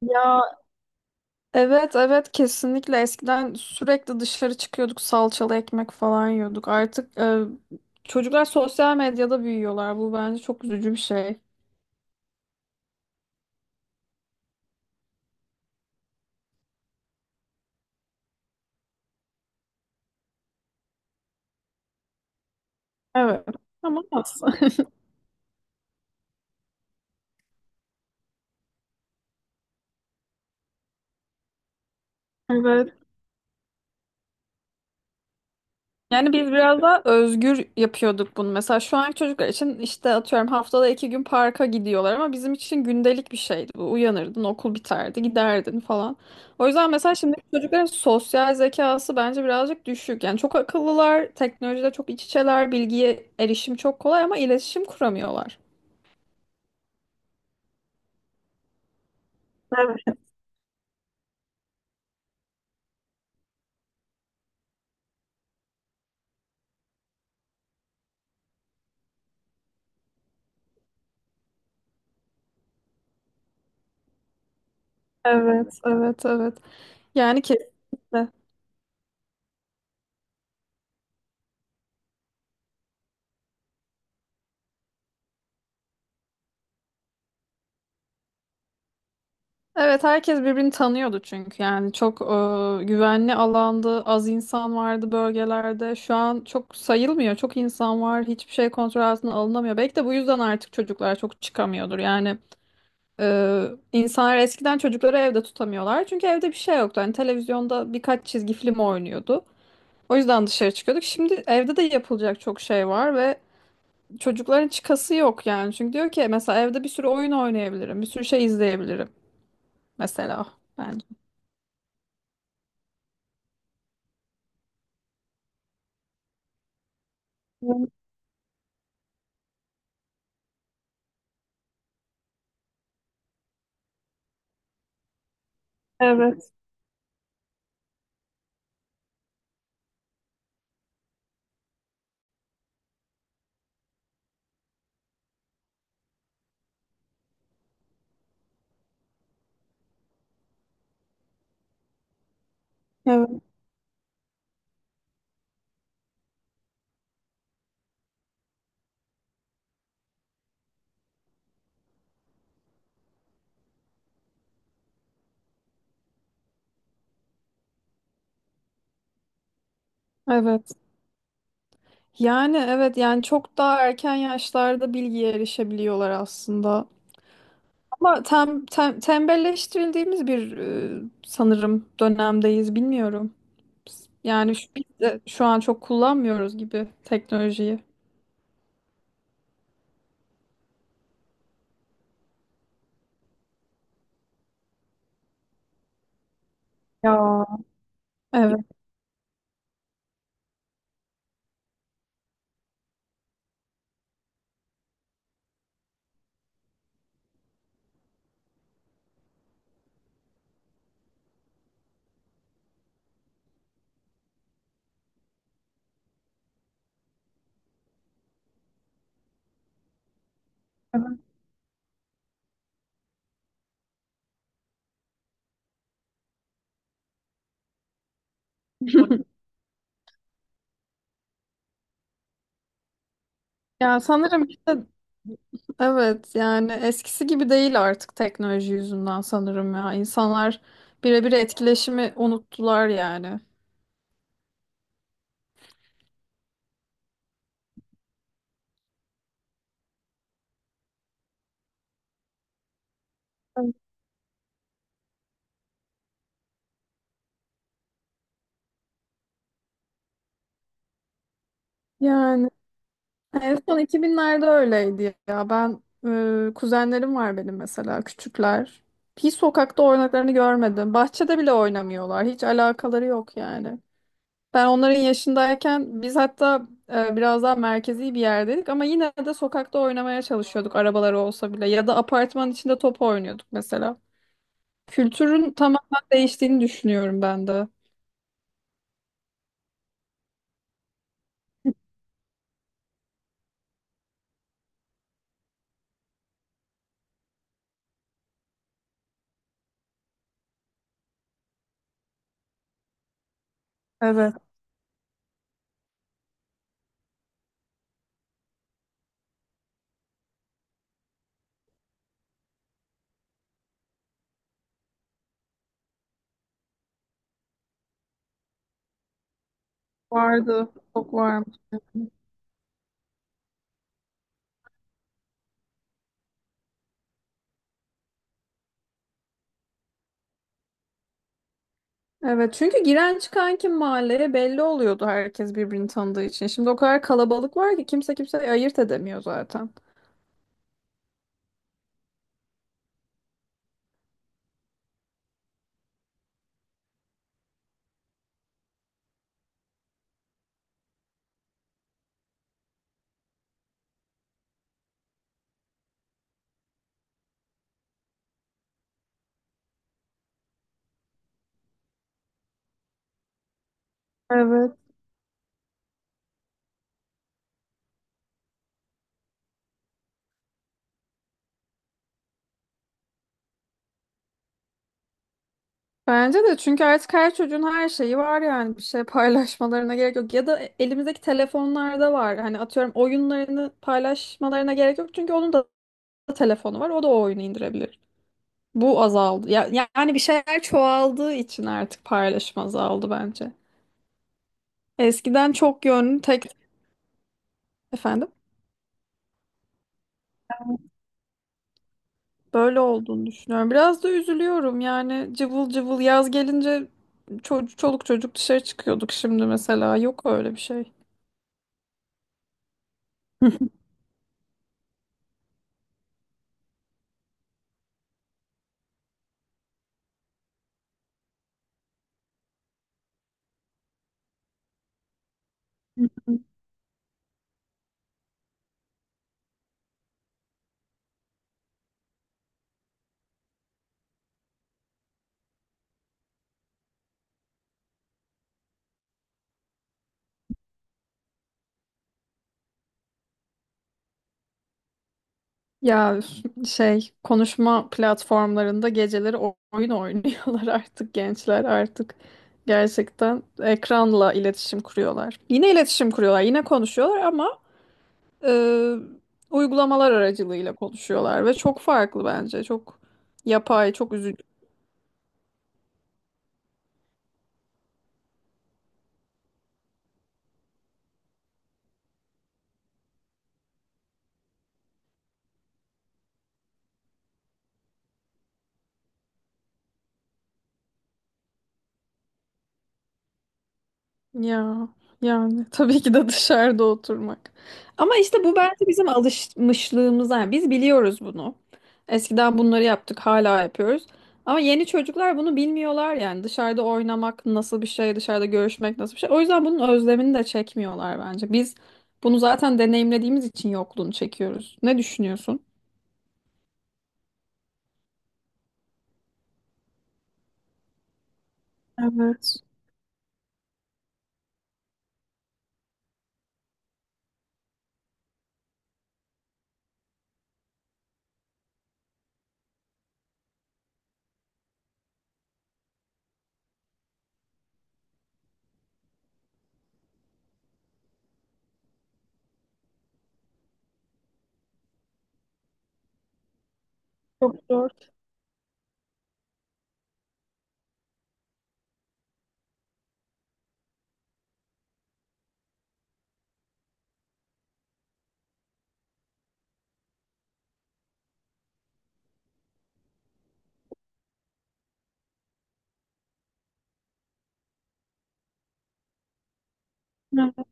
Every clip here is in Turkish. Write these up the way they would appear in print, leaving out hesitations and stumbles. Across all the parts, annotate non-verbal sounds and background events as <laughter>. Ya evet, evet, kesinlikle eskiden sürekli dışarı çıkıyorduk, salçalı ekmek falan yiyorduk. Artık çocuklar sosyal medyada büyüyorlar. Bu bence çok üzücü bir şey. Evet. Ama nasıl? <laughs> Evet. Yani biz biraz daha özgür yapıyorduk bunu. Mesela şu anki çocuklar için işte atıyorum haftada iki gün parka gidiyorlar ama bizim için gündelik bir şeydi bu. Uyanırdın, okul biterdi, giderdin falan. O yüzden mesela şimdiki çocukların sosyal zekası bence birazcık düşük. Yani çok akıllılar, teknolojide çok iç içeler, bilgiye erişim çok kolay ama iletişim kuramıyorlar. Evet, evet, evet, evet. Yani kesinlikle. Evet, herkes birbirini tanıyordu çünkü yani çok güvenli alandı, az insan vardı bölgelerde. Şu an çok sayılmıyor, çok insan var, hiçbir şey kontrol altına alınamıyor. Belki de bu yüzden artık çocuklar çok çıkamıyordur. Yani e, insanlar eskiden çocukları evde tutamıyorlar çünkü evde bir şey yoktu. Hani televizyonda birkaç çizgi film oynuyordu. O yüzden dışarı çıkıyorduk. Şimdi evde de yapılacak çok şey var ve çocukların çıkası yok yani. Çünkü diyor ki mesela evde bir sürü oyun oynayabilirim, bir sürü şey izleyebilirim mesela. Bence. Evet, evet, evet. Yani evet yani çok daha erken yaşlarda bilgiye erişebiliyorlar aslında. Ama tembelleştirildiğimiz bir sanırım dönemdeyiz, bilmiyorum. Yani şu, biz de şu an çok kullanmıyoruz gibi teknolojiyi. Ya. Evet. Evet. <laughs> Ya sanırım işte evet yani eskisi gibi değil artık teknoloji yüzünden sanırım ya. İnsanlar birebir etkileşimi unuttular yani. Yani en son iki binlerde öyleydi ya. Ben kuzenlerim var benim mesela küçükler. Hiç sokakta oynaklarını görmedim. Bahçede bile oynamıyorlar. Hiç alakaları yok yani. Ben onların yaşındayken biz hatta biraz daha merkezi bir yerdeydik ama yine de sokakta oynamaya çalışıyorduk arabaları olsa bile ya da apartmanın içinde top oynuyorduk mesela. Kültürün tamamen değiştiğini düşünüyorum ben de. Evet. Vardı. Çok var. Evet çünkü giren çıkan kim mahalleye belli oluyordu herkes birbirini tanıdığı için. Şimdi o kadar kalabalık var ki kimse kimseyi ayırt edemiyor zaten. Evet. Bence de çünkü artık her çocuğun her şeyi var yani bir şey <laughs> paylaşmalarına gerek yok. Ya da elimizdeki telefonlarda var. Hani atıyorum oyunlarını paylaşmalarına gerek yok. Çünkü onun da telefonu var. O da o oyunu indirebilir. Bu azaldı. Ya, yani bir şeyler çoğaldığı için artık paylaşım azaldı bence. Eskiden çok yönlü tek efendim. Böyle olduğunu düşünüyorum. Biraz da üzülüyorum yani cıvıl cıvıl yaz gelince çoluk çocuk dışarı çıkıyorduk, şimdi mesela yok öyle bir şey. <laughs> Ya şey, konuşma platformlarında geceleri oyun oynuyorlar <laughs> artık gençler, artık gerçekten ekranla iletişim kuruyorlar. Yine iletişim kuruyorlar, yine konuşuyorlar ama e, uygulamalar aracılığıyla konuşuyorlar ve çok farklı, bence çok yapay, çok üzücü. Ya yani <laughs> tabii ki de dışarıda oturmak. Ama işte bu bence bizim alışmışlığımız. Yani biz biliyoruz bunu. Eskiden bunları yaptık, hala yapıyoruz. Ama yeni çocuklar bunu bilmiyorlar yani. Dışarıda oynamak nasıl bir şey, dışarıda görüşmek nasıl bir şey. O yüzden bunun özlemini de çekmiyorlar bence. Biz bunu zaten deneyimlediğimiz için yokluğunu çekiyoruz. Ne düşünüyorsun? Evet. Çok zor. Evet.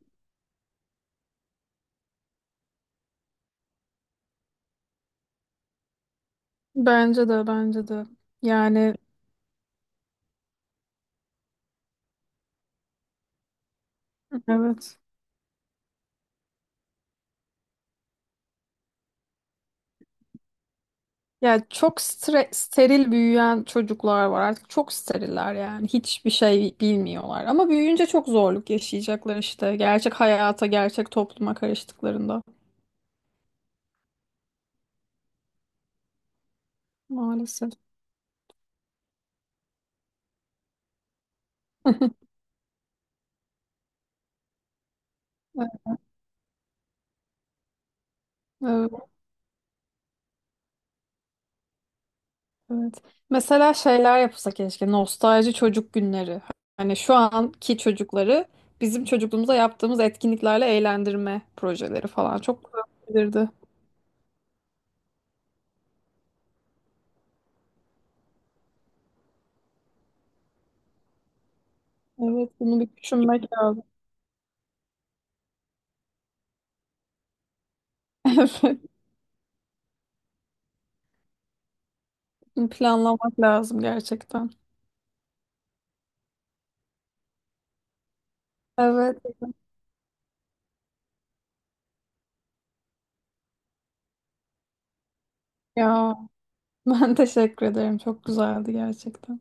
Bence de, bence de. Yani evet. Ya çok steril büyüyen çocuklar var artık, çok steriller yani, hiçbir şey bilmiyorlar ama büyüyünce çok zorluk yaşayacaklar işte gerçek hayata, gerçek topluma karıştıklarında maalesef. <laughs> Evet, evet. Mesela şeyler yapılsa keşke, nostalji çocuk günleri, hani şu anki çocukları bizim çocukluğumuza yaptığımız etkinliklerle eğlendirme projeleri falan çok güzel olabilirdi. Evet, bunu bir düşünmek lazım. <laughs> Evet, bunu planlamak lazım gerçekten. Evet. Ya ben teşekkür ederim. Çok güzeldi gerçekten.